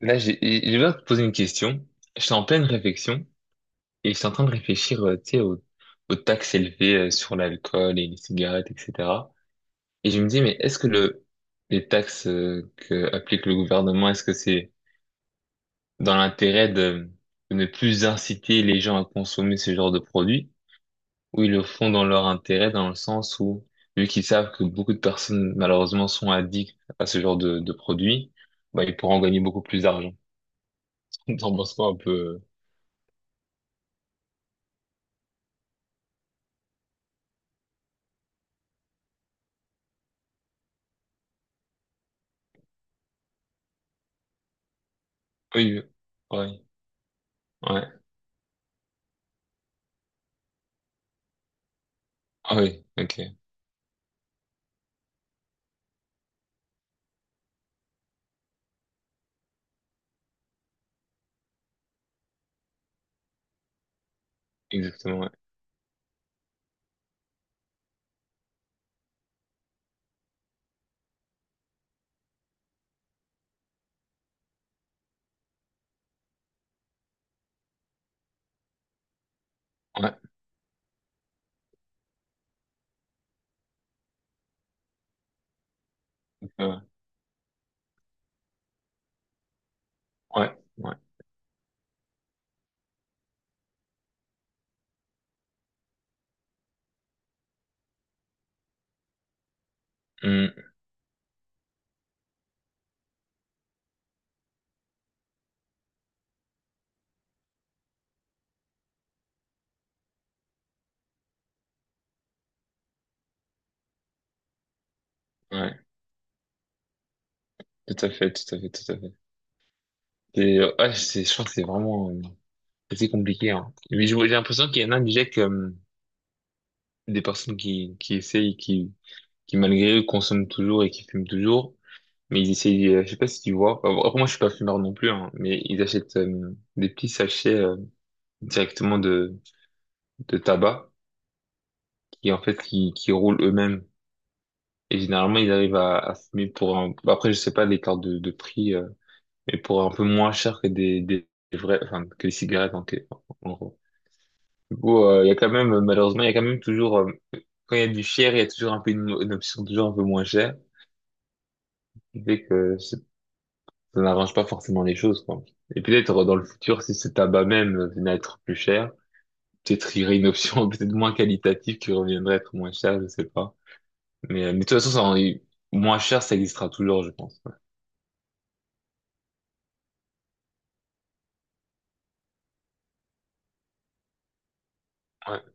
Là, j'ai besoin de te poser une question. Je suis en pleine réflexion et je suis en train de réfléchir, tu sais, aux taxes élevées sur l'alcool et les cigarettes, etc. Et je me dis, mais est-ce que les taxes que applique le gouvernement, est-ce que c'est dans l'intérêt de ne plus inciter les gens à consommer ce genre de produits, ou ils le font dans leur intérêt, dans le sens où, vu qu'ils savent que beaucoup de personnes, malheureusement, sont addictes à ce genre de produits, bah, ils pourront gagner beaucoup plus d'argent. T'en penses quoi un peu? Oui, oui. Ouais, ouais. Ah oui, ok, exactement, ouais. Ouais, ouais, ouais, ouais. Hmm, ouais. Tout à fait, tout à fait, tout à fait. Ouais, je crois que c'est vraiment assez compliqué, hein. Mais j'ai l'impression qu'il y en a déjà que, des personnes qui, qui malgré eux consomment toujours et qui fument toujours, mais ils essayent. Je sais pas si tu vois. Enfin, bon, après moi je suis pas fumeur non plus, hein, mais ils achètent des petits sachets directement de tabac qui en fait qui, roulent eux-mêmes. Et généralement, ils arrivent à fumer pour un. Bah, après, je sais pas l'écart de prix, mais pour un peu moins cher que des vrais. Enfin, que les cigarettes, en gros. Du coup, il y a quand même, malheureusement, il y a quand même toujours. Quand il y a du cher, il y a toujours un peu une option toujours un peu moins chère. Ce qui fait que ça n'arrange pas forcément les choses, quoi. Et peut-être, dans le futur, si ce tabac même venait à être plus cher, peut-être il y aurait une option peut-être moins qualitative qui reviendrait à être moins chère, je sais pas. Mais de toute façon, ça, moins cher, ça existera toujours, je pense. Ouais.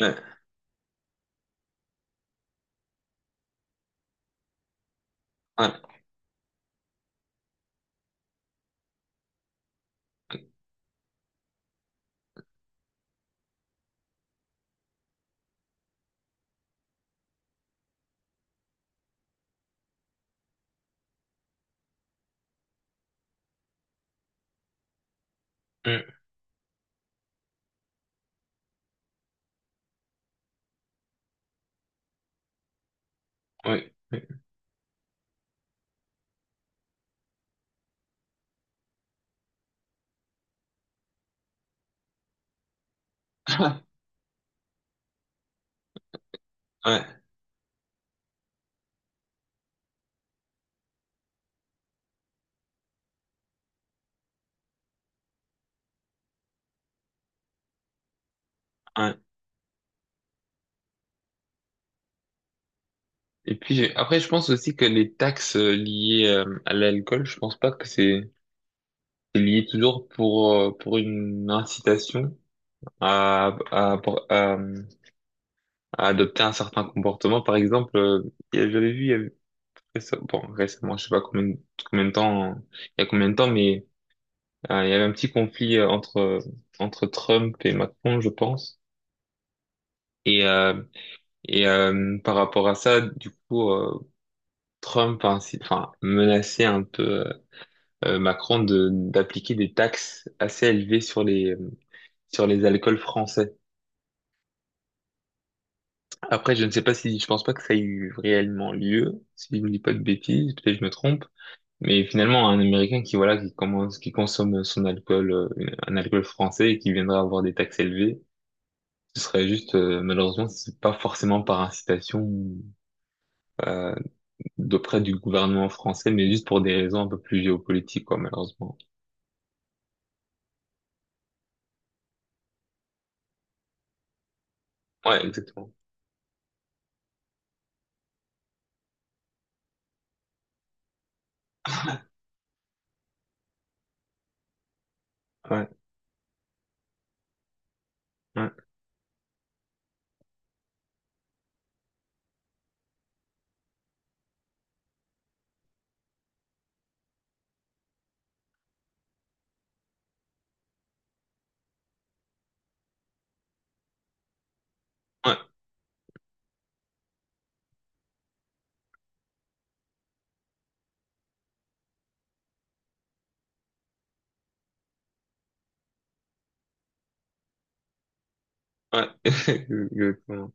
Ouais. Ouais, mm, oui, oui. Ouais, ouais. Et puis après, je pense aussi que les taxes liées à l'alcool, je pense pas que c'est lié toujours pour pour une incitation à, pour- à adopter un certain comportement. Par exemple, j'avais vu il y avait bon, récemment, je sais pas combien de temps, il y a combien de temps, mais il y avait un petit conflit entre Trump et Macron, je pense. Et euh, et par rapport à ça, du coup. Trump a ainsi, enfin, menacé un peu Macron de d'appliquer des taxes assez élevées sur les alcools français. Après, je ne sais pas, si je pense pas que ça ait eu réellement lieu, si je ne dis pas de bêtises, peut-être que je me trompe. Mais finalement, un Américain qui, voilà, qui commence qui consomme son alcool, un alcool français, et qui viendrait avoir des taxes élevées, ce serait juste, malheureusement c'est pas forcément par incitation euh, d'auprès du gouvernement français, mais juste pour des raisons un peu plus géopolitiques, quoi, malheureusement. Ouais, exactement. Ouais, ouais, ouais, ouais, exactement,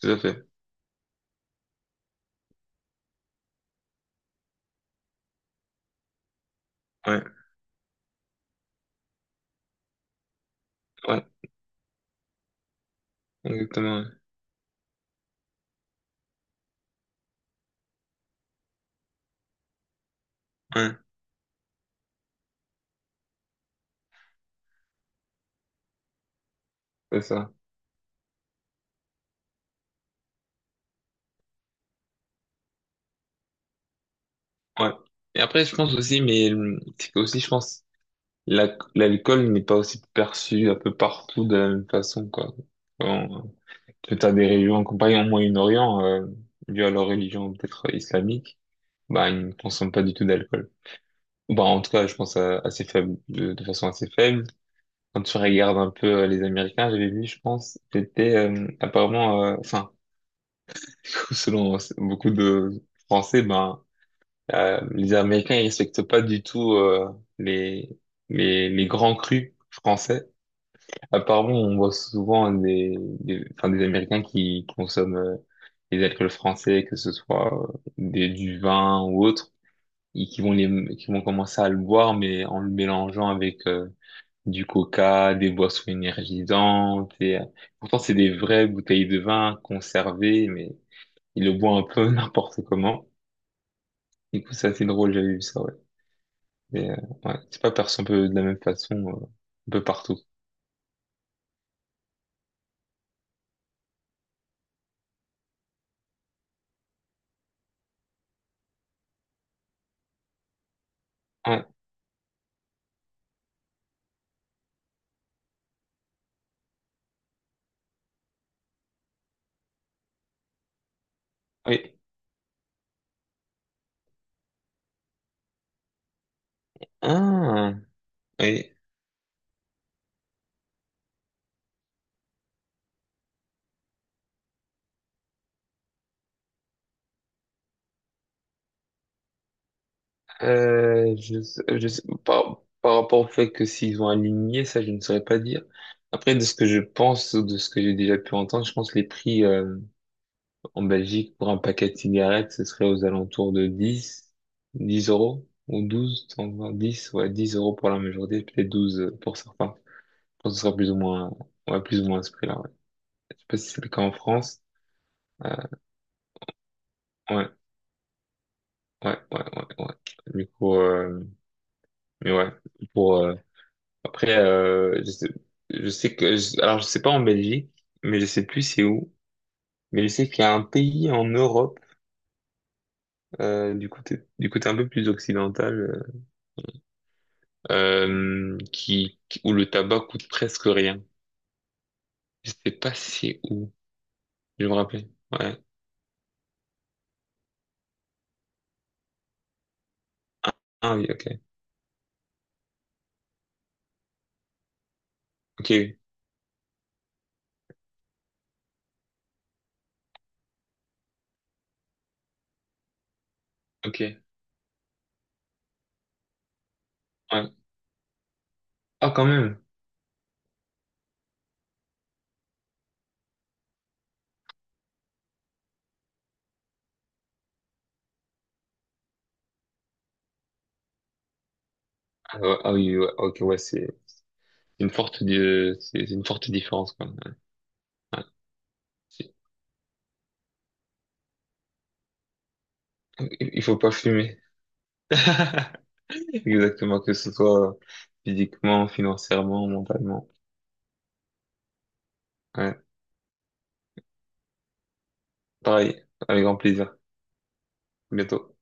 tout à fait, ouais, ouais, exactement, ouais, ouais, c'est ça, ouais. Et après, je pense aussi, mais c'est que aussi, je pense, l'alcool n'est pas aussi perçu un peu partout de la même façon, quoi. Quand tu as des régions, comme par exemple au Moyen-Orient, dû à leur religion peut-être islamique, bah, ils ne consomment pas du tout d'alcool. Bah, en tout cas, je pense assez faible, de façon assez faible. Quand tu regardes un peu les Américains, j'avais vu, je pense, c'était apparemment, enfin, selon beaucoup de Français, ben, les Américains ils respectent pas du tout les, les grands crus français. Apparemment, on voit souvent enfin, des Américains qui consomment les alcools français, que ce soit du vin ou autre, et qui vont qui vont commencer à le boire, mais en le mélangeant avec du coca, des boissons énergisantes. Pourtant, c'est des vraies bouteilles de vin conservées, mais il le boit un peu n'importe comment. Du coup, c'est assez drôle, j'avais vu ça, ouais. Mais, ouais, c'est pas perçu un peu de la même façon, un peu partout. Ouais, oui. Ah, oui. Par, par rapport au fait que s'ils ont aligné, ça, je ne saurais pas dire. Après, de ce que je pense, ou de ce que j'ai déjà pu entendre, je pense que les prix, en Belgique, pour un paquet de cigarettes, ce serait aux alentours de 10 euros, ou 12, 120, 10, ouais, 10 euros pour la majorité, peut-être 12 pour certains. Je pense que ce sera plus ou moins, ouais, plus ou moins à ce prix-là, ouais. Je sais pas si c'est le cas en France. Euh, ouais, ouais, ouais, ouais, ouais. Du coup, mais ouais, pour, après, je sais que, alors je sais pas en Belgique, mais je sais plus c'est où, mais je sais qu'il y a un pays en Europe, du côté un peu plus occidental, où le tabac coûte presque rien. Je sais pas si c'est où. Je me rappelle. Ouais. Ah, ah oui, ok. Ok, oui. Ok. Ouais. Ah, quand même. Ah, ouais, ah oui, ouais, ok, ouais, c'est une forte, c'est une forte différence quand même. Ouais. C'est. Il faut pas fumer. Exactement, que ce soit physiquement, financièrement, mentalement. Ouais. Pareil, avec grand plaisir. À bientôt.